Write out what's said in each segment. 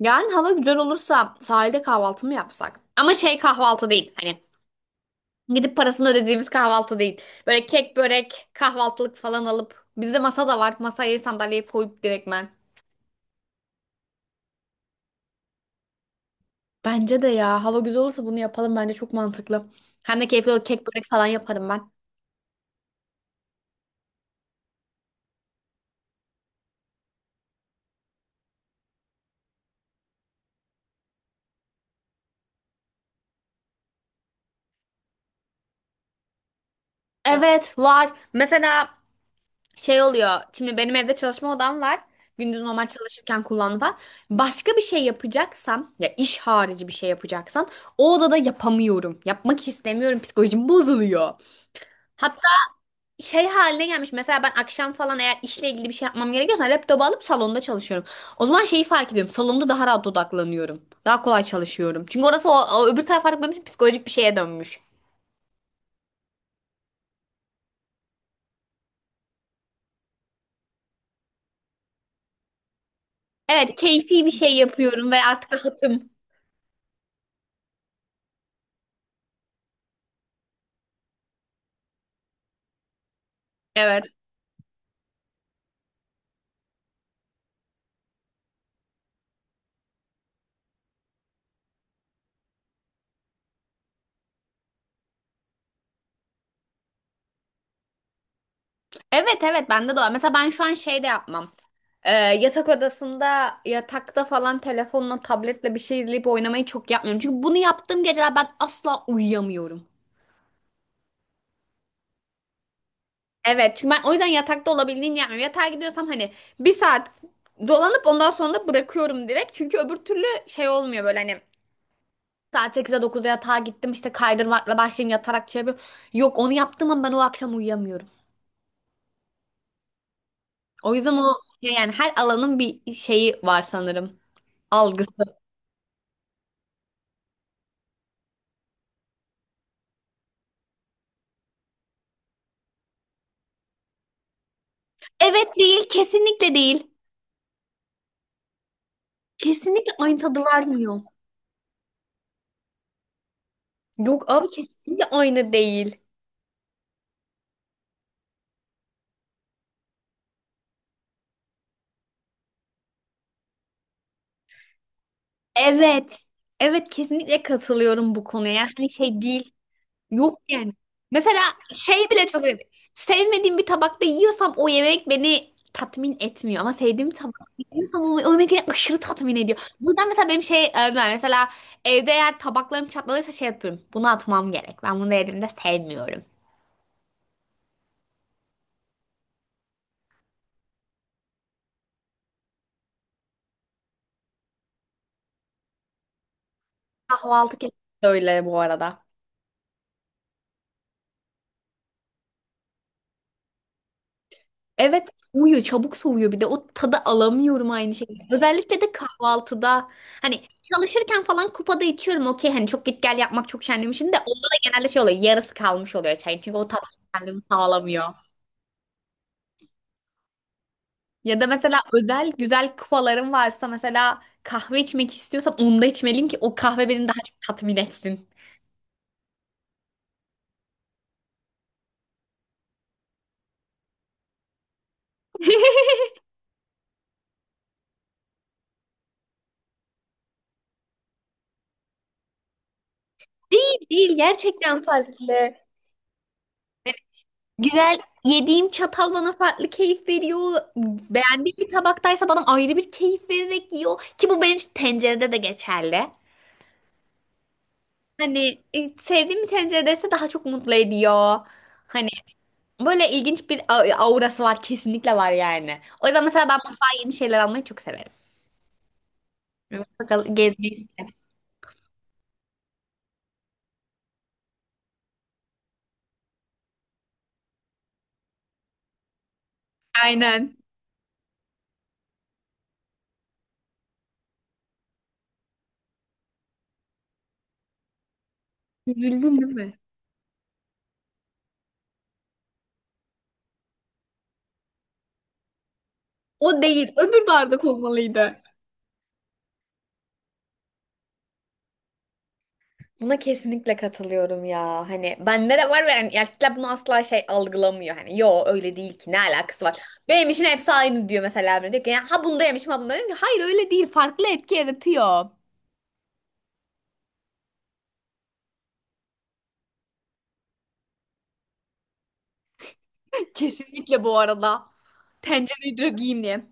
Yarın hava güzel olursa sahilde kahvaltı mı yapsak? Ama şey kahvaltı değil. Hani gidip parasını ödediğimiz kahvaltı değil. Böyle kek, börek, kahvaltılık falan alıp. Bizde masa da var. Masayı sandalyeye koyup direktmen. Bence de ya. Hava güzel olursa bunu yapalım. Bence çok mantıklı. Hem de keyifli olur. Kek, börek falan yaparım ben. Evet var. Mesela şey oluyor. Şimdi benim evde çalışma odam var. Gündüz normal çalışırken kullandım falan. Başka bir şey yapacaksam ya iş harici bir şey yapacaksam o odada yapamıyorum. Yapmak istemiyorum. Psikolojim bozuluyor. Hatta şey haline gelmiş. Mesela ben akşam falan eğer işle ilgili bir şey yapmam gerekiyorsa laptopu alıp salonda çalışıyorum. O zaman şeyi fark ediyorum. Salonda daha rahat odaklanıyorum. Daha kolay çalışıyorum. Çünkü orası o öbür taraf artık benim için psikolojik bir şeye dönmüş. Evet, keyfi bir şey yapıyorum ve artık rahatım. Evet. Evet, evet, bende de var. Mesela ben şu an şey de yapmam. Yatak odasında yatakta falan telefonla tabletle bir şey izleyip oynamayı çok yapmıyorum. Çünkü bunu yaptığım geceler ben asla uyuyamıyorum. Evet, çünkü ben o yüzden yatakta olabildiğince yapmıyorum. Yatağa gidiyorsam hani bir saat dolanıp ondan sonra da bırakıyorum direkt. Çünkü öbür türlü şey olmuyor, böyle hani saat 8'e dokuzda yatağa gittim işte kaydırmakla başlayayım yatarak şey yapıyorum. Yok, onu yaptığım an ben o akşam uyuyamıyorum. O yüzden o şey yani her alanın bir şeyi var sanırım. Algısı. Evet, değil, kesinlikle değil. Kesinlikle aynı tadı vermiyor. Yok abi, kesinlikle aynı değil. Evet. Evet, kesinlikle katılıyorum bu konuya. Yani hani şey değil. Yok yani. Mesela şey bile çok sevmediğim bir tabakta yiyorsam o yemek beni tatmin etmiyor. Ama sevdiğim tabakta yiyorsam o yemek beni aşırı tatmin ediyor. Bu yüzden mesela benim şey ben mesela evde eğer tabaklarım çatladıysa şey yapıyorum. Bunu atmam gerek. Ben bunu yediğimde sevmiyorum. Kahvaltı kesinlikle öyle bu arada. Evet, soğuyor, çabuk soğuyor, bir de o tadı alamıyorum aynı şekilde. Özellikle de kahvaltıda hani çalışırken falan kupada içiyorum okey, hani çok git gel yapmak çok şenliğim için de onda da genelde şey oluyor, yarısı kalmış oluyor çayın, çünkü o tat kendimi sağlamıyor. Ya da mesela özel güzel kupalarım varsa mesela kahve içmek istiyorsam onda içmeliyim ki o kahve beni daha çok tatmin etsin. Değil, gerçekten farklı. Güzel yediğim çatal bana farklı keyif veriyor. Beğendiğim bir tabaktaysa bana ayrı bir keyif vererek yiyor. Ki bu benim için tencerede de geçerli. Hani sevdiğim bir tenceredeyse daha çok mutlu ediyor. Hani böyle ilginç bir aurası var, kesinlikle var yani. O yüzden mesela ben mutfağa yeni şeyler almayı çok severim. Bakalım, gezmeyi isterim. Aynen. Üzüldün değil mi? O değil. Öbür bardak olmalıydı. Buna kesinlikle katılıyorum ya. Hani bende de var ve yani erkekler bunu asla şey algılamıyor. Hani yo, öyle değil ki, ne alakası var. Benim için hepsi aynı diyor mesela. Emre. Diyor ki ya, ha bunda yemişim ha bunda yemişim. Hayır, öyle değil, farklı etki yaratıyor. Kesinlikle bu arada. Tencereyi direkt yiyeyim diye.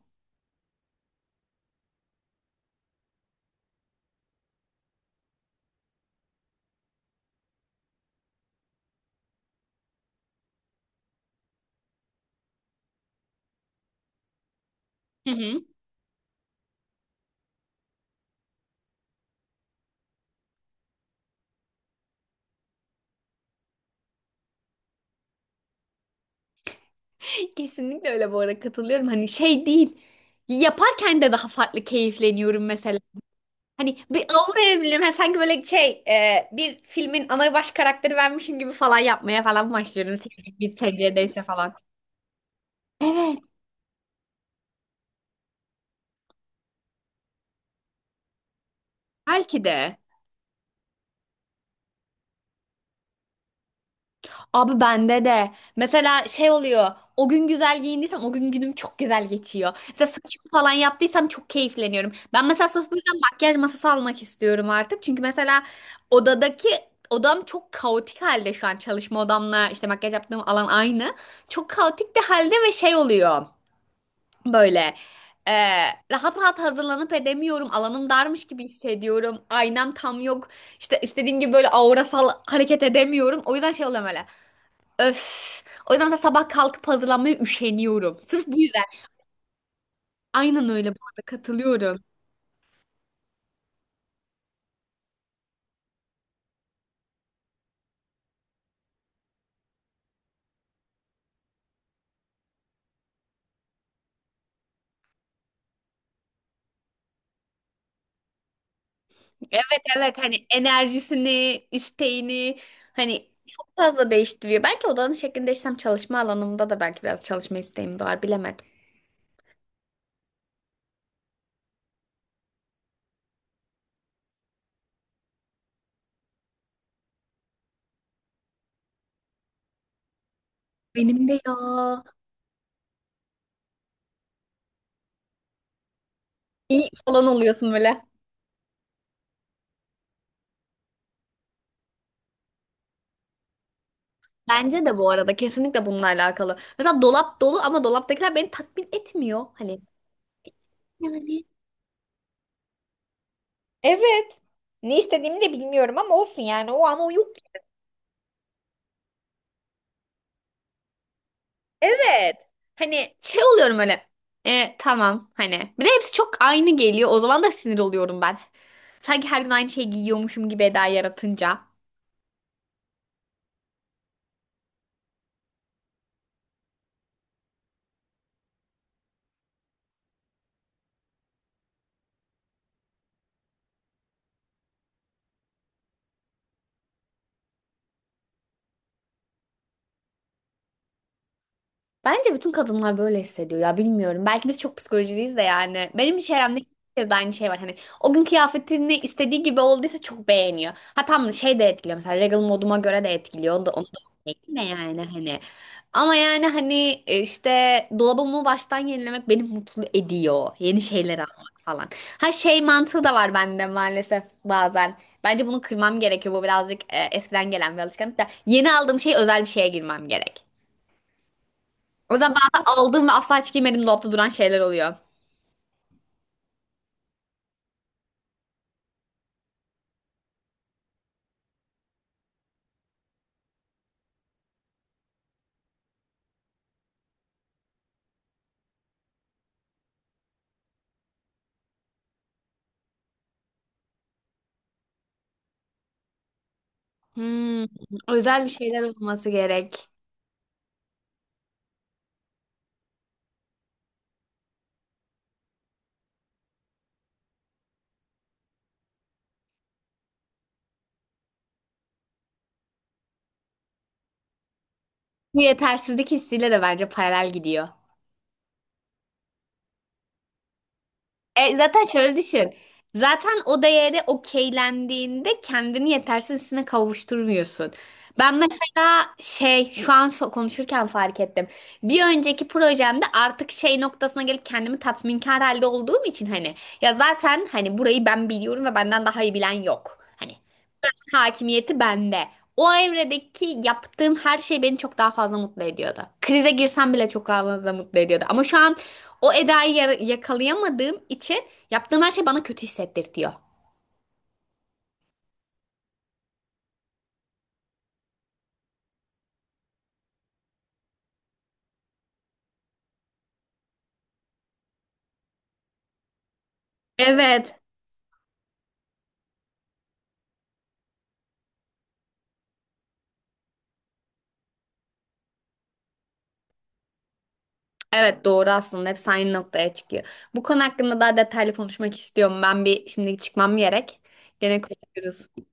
Hı hı. Kesinlikle öyle bu arada, katılıyorum. Hani şey değil. Yaparken de daha farklı keyifleniyorum mesela. Hani bir aura evliliğim. Ha, sanki böyle şey bir filmin ana baş karakteri benmişim gibi falan yapmaya falan başlıyorum. Sevdiğim bir TC'deyse falan. Evet. Belki de. Abi bende de. Mesela şey oluyor. O gün güzel giyindiysem o gün günüm çok güzel geçiyor. Mesela saçımı falan yaptıysam çok keyifleniyorum. Ben mesela sırf bu yüzden makyaj masası almak istiyorum artık. Çünkü mesela odadaki odam çok kaotik halde şu an. Çalışma odamla işte makyaj yaptığım alan aynı. Çok kaotik bir halde ve şey oluyor. Böyle e, rahat rahat hazırlanıp edemiyorum. Alanım darmış gibi hissediyorum. Aynam tam yok. İşte istediğim gibi böyle aurasal hareket edemiyorum. O yüzden şey oluyor böyle. Öf. O yüzden mesela sabah kalkıp hazırlanmaya üşeniyorum. Sırf bu yüzden. Aynen öyle. Bu arada katılıyorum. Evet, evet, hani enerjisini, isteğini hani çok fazla değiştiriyor. Belki odanın şeklini değiştirsem çalışma alanımda da belki biraz çalışma isteğim doğar. Bilemedim. Benim de ya. İyi falan oluyorsun böyle. Bence de bu arada kesinlikle bununla alakalı. Mesela dolap dolu ama dolaptakiler beni tatmin etmiyor. Hani yani. Evet. Ne istediğimi de bilmiyorum ama olsun yani, o an o yok. Evet. Hani şey oluyorum öyle. E, tamam hani. Bir de hepsi çok aynı geliyor. O zaman da sinir oluyorum ben. Sanki her gün aynı şeyi giyiyormuşum gibi eda yaratınca. Bence bütün kadınlar böyle hissediyor ya, bilmiyorum. Belki biz çok psikolojiciyiz de yani. Benim çevremde herkes de aynı şey var. Hani o gün kıyafetini istediği gibi olduysa çok beğeniyor. Ha, tam şey de etkiliyor mesela, regal moduma göre de etkiliyor. Onu da ne yani hani. Ama yani hani işte dolabımı baştan yenilemek beni mutlu ediyor. Yeni şeyler almak falan. Ha, şey mantığı da var bende maalesef bazen. Bence bunu kırmam gerekiyor. Bu birazcık eskiden gelen bir alışkanlık da. Yeni aldığım şey özel bir şeye girmem gerek. O zaman ben de aldığım ve asla hiç giymediğim dolapta duran şeyler oluyor. Hmm, özel bir şeyler olması gerek. Bu yetersizlik hissiyle de bence paralel gidiyor. E, zaten şöyle düşün. Zaten o değeri okeylendiğinde kendini yetersiz hissine kavuşturmuyorsun. Ben mesela şey şu an konuşurken fark ettim. Bir önceki projemde artık şey noktasına gelip kendimi tatminkar halde olduğum için hani, ya zaten hani burayı ben biliyorum ve benden daha iyi bilen yok. Hani hakimiyeti bende. O Emre'deki yaptığım her şey beni çok daha fazla mutlu ediyordu. Krize girsem bile çok daha fazla mutlu ediyordu. Ama şu an o Eda'yı yakalayamadığım için yaptığım her şey bana kötü hissettirtiyor. Evet. Evet, doğru, aslında hep aynı noktaya çıkıyor. Bu konu hakkında daha detaylı konuşmak istiyorum. Ben bir şimdi çıkmam gerek. Gene konuşuruz.